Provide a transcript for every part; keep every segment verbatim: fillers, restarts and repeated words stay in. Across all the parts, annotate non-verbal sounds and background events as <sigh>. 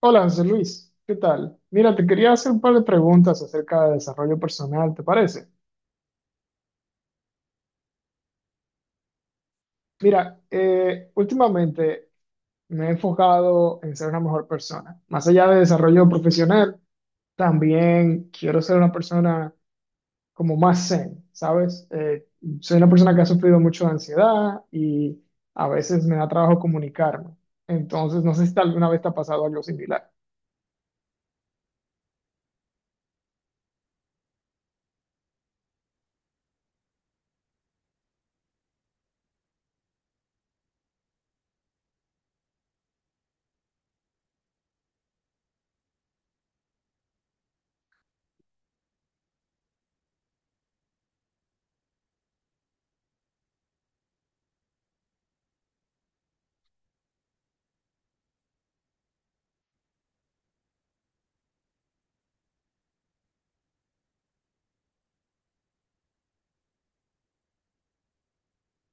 Hola, José Luis, ¿qué tal? Mira, te quería hacer un par de preguntas acerca de desarrollo personal, ¿te parece? Mira, eh, últimamente me he enfocado en ser una mejor persona. Más allá de desarrollo profesional, también quiero ser una persona como más zen, ¿sabes? Eh, soy una persona que ha sufrido mucho de ansiedad y a veces me da trabajo comunicarme. Entonces, no sé si alguna vez te ha pasado algo similar.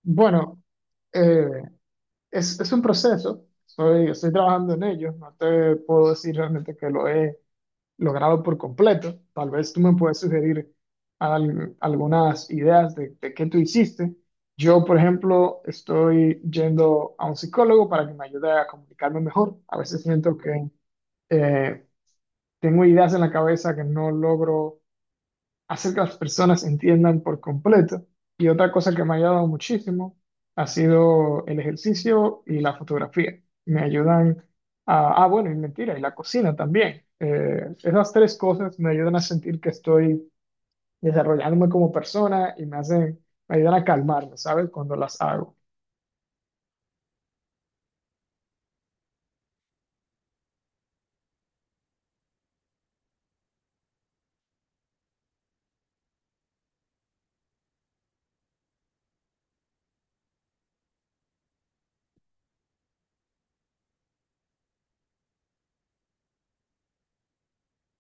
Bueno, eh, Es, es un proceso, soy, estoy trabajando en ello, no te puedo decir realmente que lo he logrado por completo. Tal vez tú me puedes sugerir al- algunas ideas de, de qué tú hiciste. Yo, por ejemplo, estoy yendo a un psicólogo para que me ayude a comunicarme mejor. A veces siento que eh, tengo ideas en la cabeza que no logro hacer que las personas entiendan por completo. Y otra cosa que me ha ayudado muchísimo ha sido el ejercicio y la fotografía. Me ayudan a, ah, bueno, y mentira, y la cocina también. Eh, esas tres cosas me ayudan a sentir que estoy desarrollándome como persona y me hacen, me ayudan a calmarme, ¿sabes? Cuando las hago.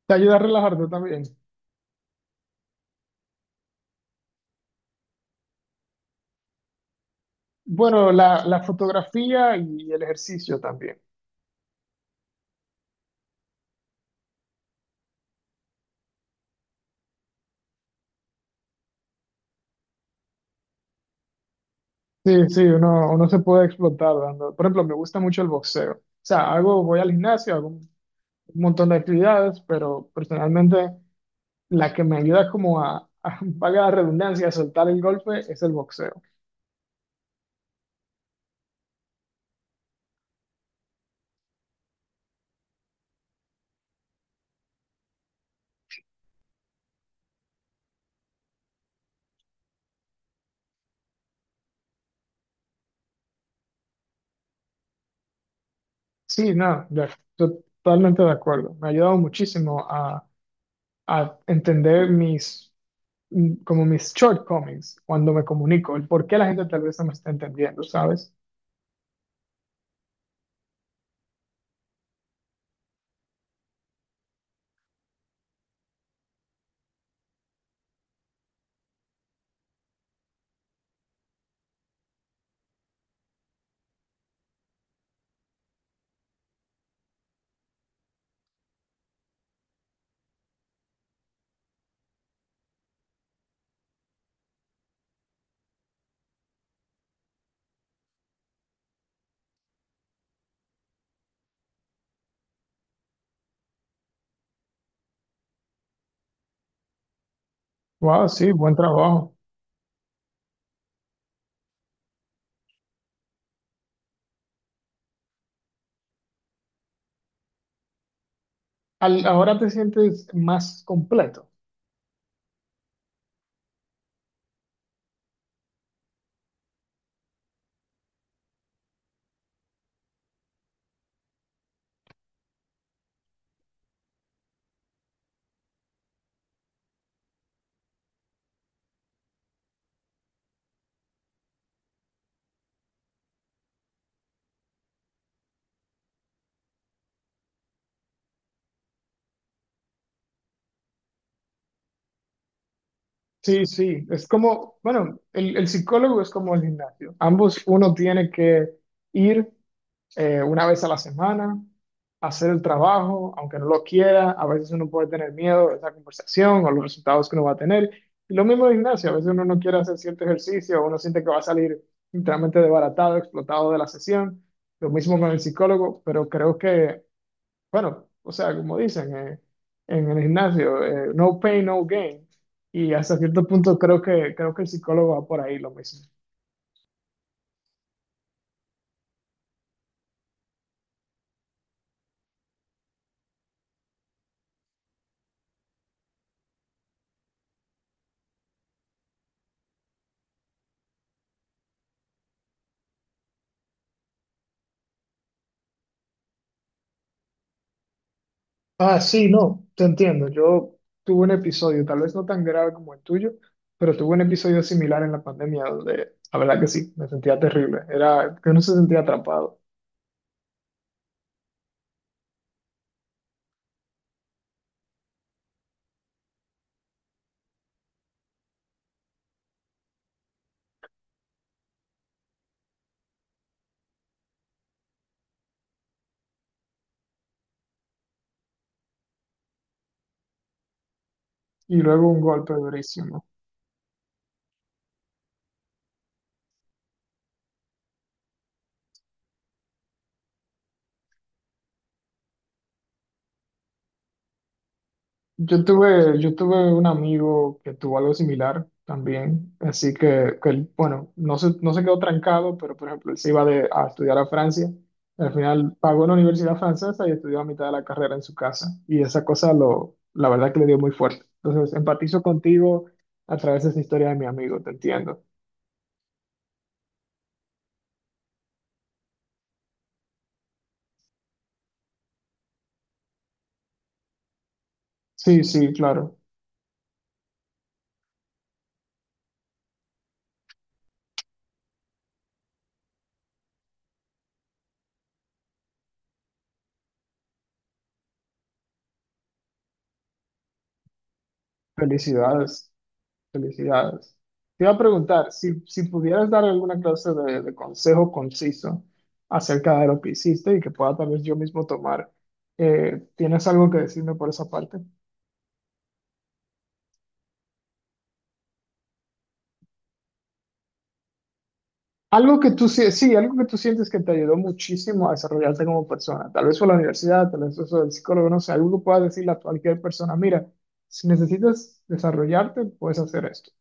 Te ayuda a relajarte también. Bueno, la, la fotografía y el ejercicio también. Sí, sí, uno, uno se puede explotar dando. Por ejemplo, me gusta mucho el boxeo. O sea, hago, voy al gimnasio, hago un montón de actividades, pero personalmente la que me ayuda como a, a <laughs> valga la redundancia, a soltar el golpe es el boxeo. Sí, no, yo estoy totalmente de acuerdo. Me ha ayudado muchísimo a, a entender mis, mm, como mis shortcomings cuando me comunico, el por qué la gente tal vez no me está entendiendo, ¿sabes? Wow, sí, buen trabajo. Al- ahora te sientes más completo. Sí, sí, es como, bueno, el, el psicólogo es como el gimnasio. Ambos uno tiene que ir, eh, una vez a la semana, hacer el trabajo, aunque no lo quiera. A veces uno puede tener miedo de esa conversación o los resultados que uno va a tener. Y lo mismo el gimnasio, a veces uno no quiere hacer cierto ejercicio, uno siente que va a salir literalmente desbaratado, explotado de la sesión. Lo mismo con el psicólogo, pero creo que bueno, o sea, como dicen, eh, en el gimnasio, eh, no pain, no gain. Y hasta cierto punto creo que, creo que el psicólogo va por ahí lo mismo. Ah, sí, no, te entiendo. Yo tuve un episodio, tal vez no tan grave como el tuyo, pero tuve un episodio similar en la pandemia donde, la verdad que sí, me sentía terrible. Era que uno se sentía atrapado. Y luego un golpe durísimo. Yo tuve, yo tuve un amigo que tuvo algo similar también, así que, que él, bueno, no se, no se quedó trancado, pero por ejemplo, él se iba de- a estudiar a Francia, y al final pagó una universidad francesa y estudió a mitad de la carrera en su casa, y esa cosa lo, la verdad que le dio muy fuerte. Entonces, empatizo contigo a través de esa historia de mi amigo, te entiendo. Sí, sí, claro. Felicidades. Felicidades. Te iba a preguntar, si, si pudieras dar alguna clase de, de consejo conciso acerca de lo que hiciste y que pueda tal vez yo mismo tomar, eh, ¿tienes algo que decirme por esa parte? Algo que tú, sie- sí, algo que tú sientes que te ayudó muchísimo a desarrollarte como persona. Tal vez fue la universidad, tal vez eso del psicólogo, no sé, algo que puedas decirle a cualquier persona, mira, si necesitas desarrollarte, puedes hacer esto.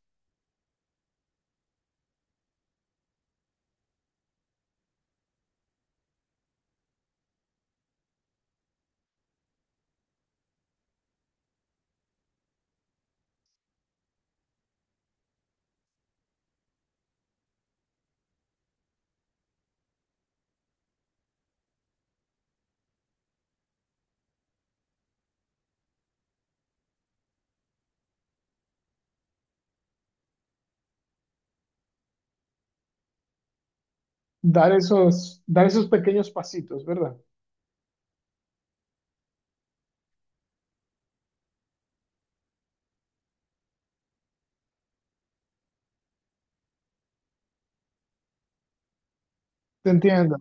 Dar esos, dar esos pequeños pasitos, ¿verdad? Te entiendo.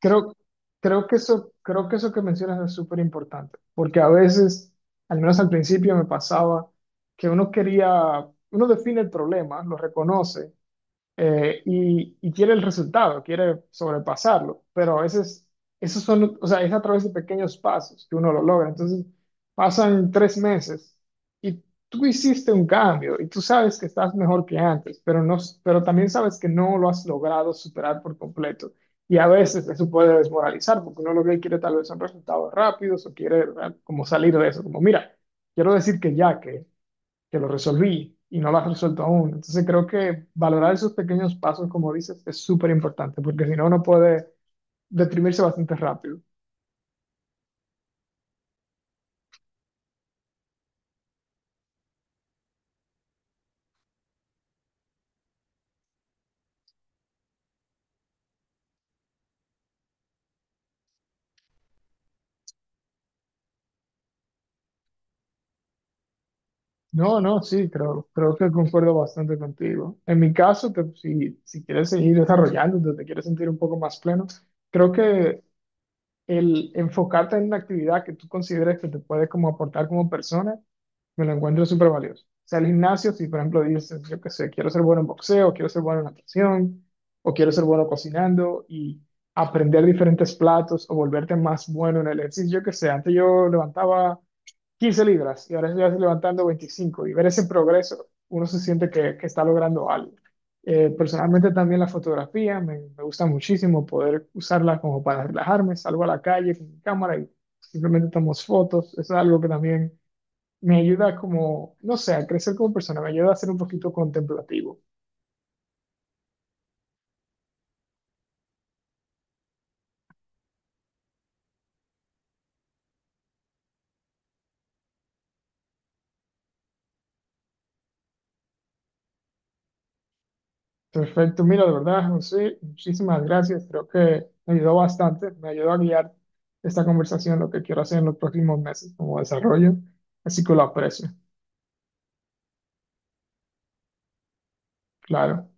Creo, creo que eso, creo que eso que mencionas es súper importante, porque a veces, al menos al principio me pasaba, que uno quería, uno define el problema, lo reconoce, eh, y, y quiere el resultado, quiere sobrepasarlo, pero a veces esos son, o sea, es a través de pequeños pasos que uno lo logra. Entonces, pasan tres meses y tú hiciste un cambio y tú sabes que estás mejor que antes, pero, no, pero también sabes que no lo has logrado superar por completo. Y a veces eso puede desmoralizar porque uno lo que quiere tal vez son resultados rápidos o quiere, ¿verdad?, como salir de eso, como mira, quiero decir que ya, que que lo resolví y no lo has resuelto aún. Entonces creo que valorar esos pequeños pasos, como dices, es súper importante, porque si no, uno puede deprimirse bastante rápido. No, no, sí, creo, creo que concuerdo bastante contigo. En mi caso, te- si, si quieres seguir desarrollándote, te quieres sentir un poco más pleno, creo que el enfocarte en una actividad que tú consideres que te puede como aportar como persona me lo encuentro súper valioso. O sea, el gimnasio, si por ejemplo dices, yo qué sé, quiero ser bueno en boxeo, quiero ser bueno en natación, o quiero ser bueno cocinando y aprender diferentes platos o volverte más bueno en el ejercicio, yo qué sé, antes yo levantaba quince libras y ahora estoy levantando veinticinco y ver ese progreso, uno se siente que, que está logrando algo. Eh, personalmente también la fotografía, me, me gusta muchísimo poder usarla como para relajarme, salgo a la calle con mi cámara y simplemente tomamos fotos, eso es algo que también me ayuda como, no sé, a crecer como persona, me ayuda a ser un poquito contemplativo. Perfecto, mira, de verdad, José, muchísimas gracias, creo que me ayudó bastante, me ayudó a guiar esta conversación, lo que quiero hacer en los próximos meses como desarrollo, así que lo aprecio, claro.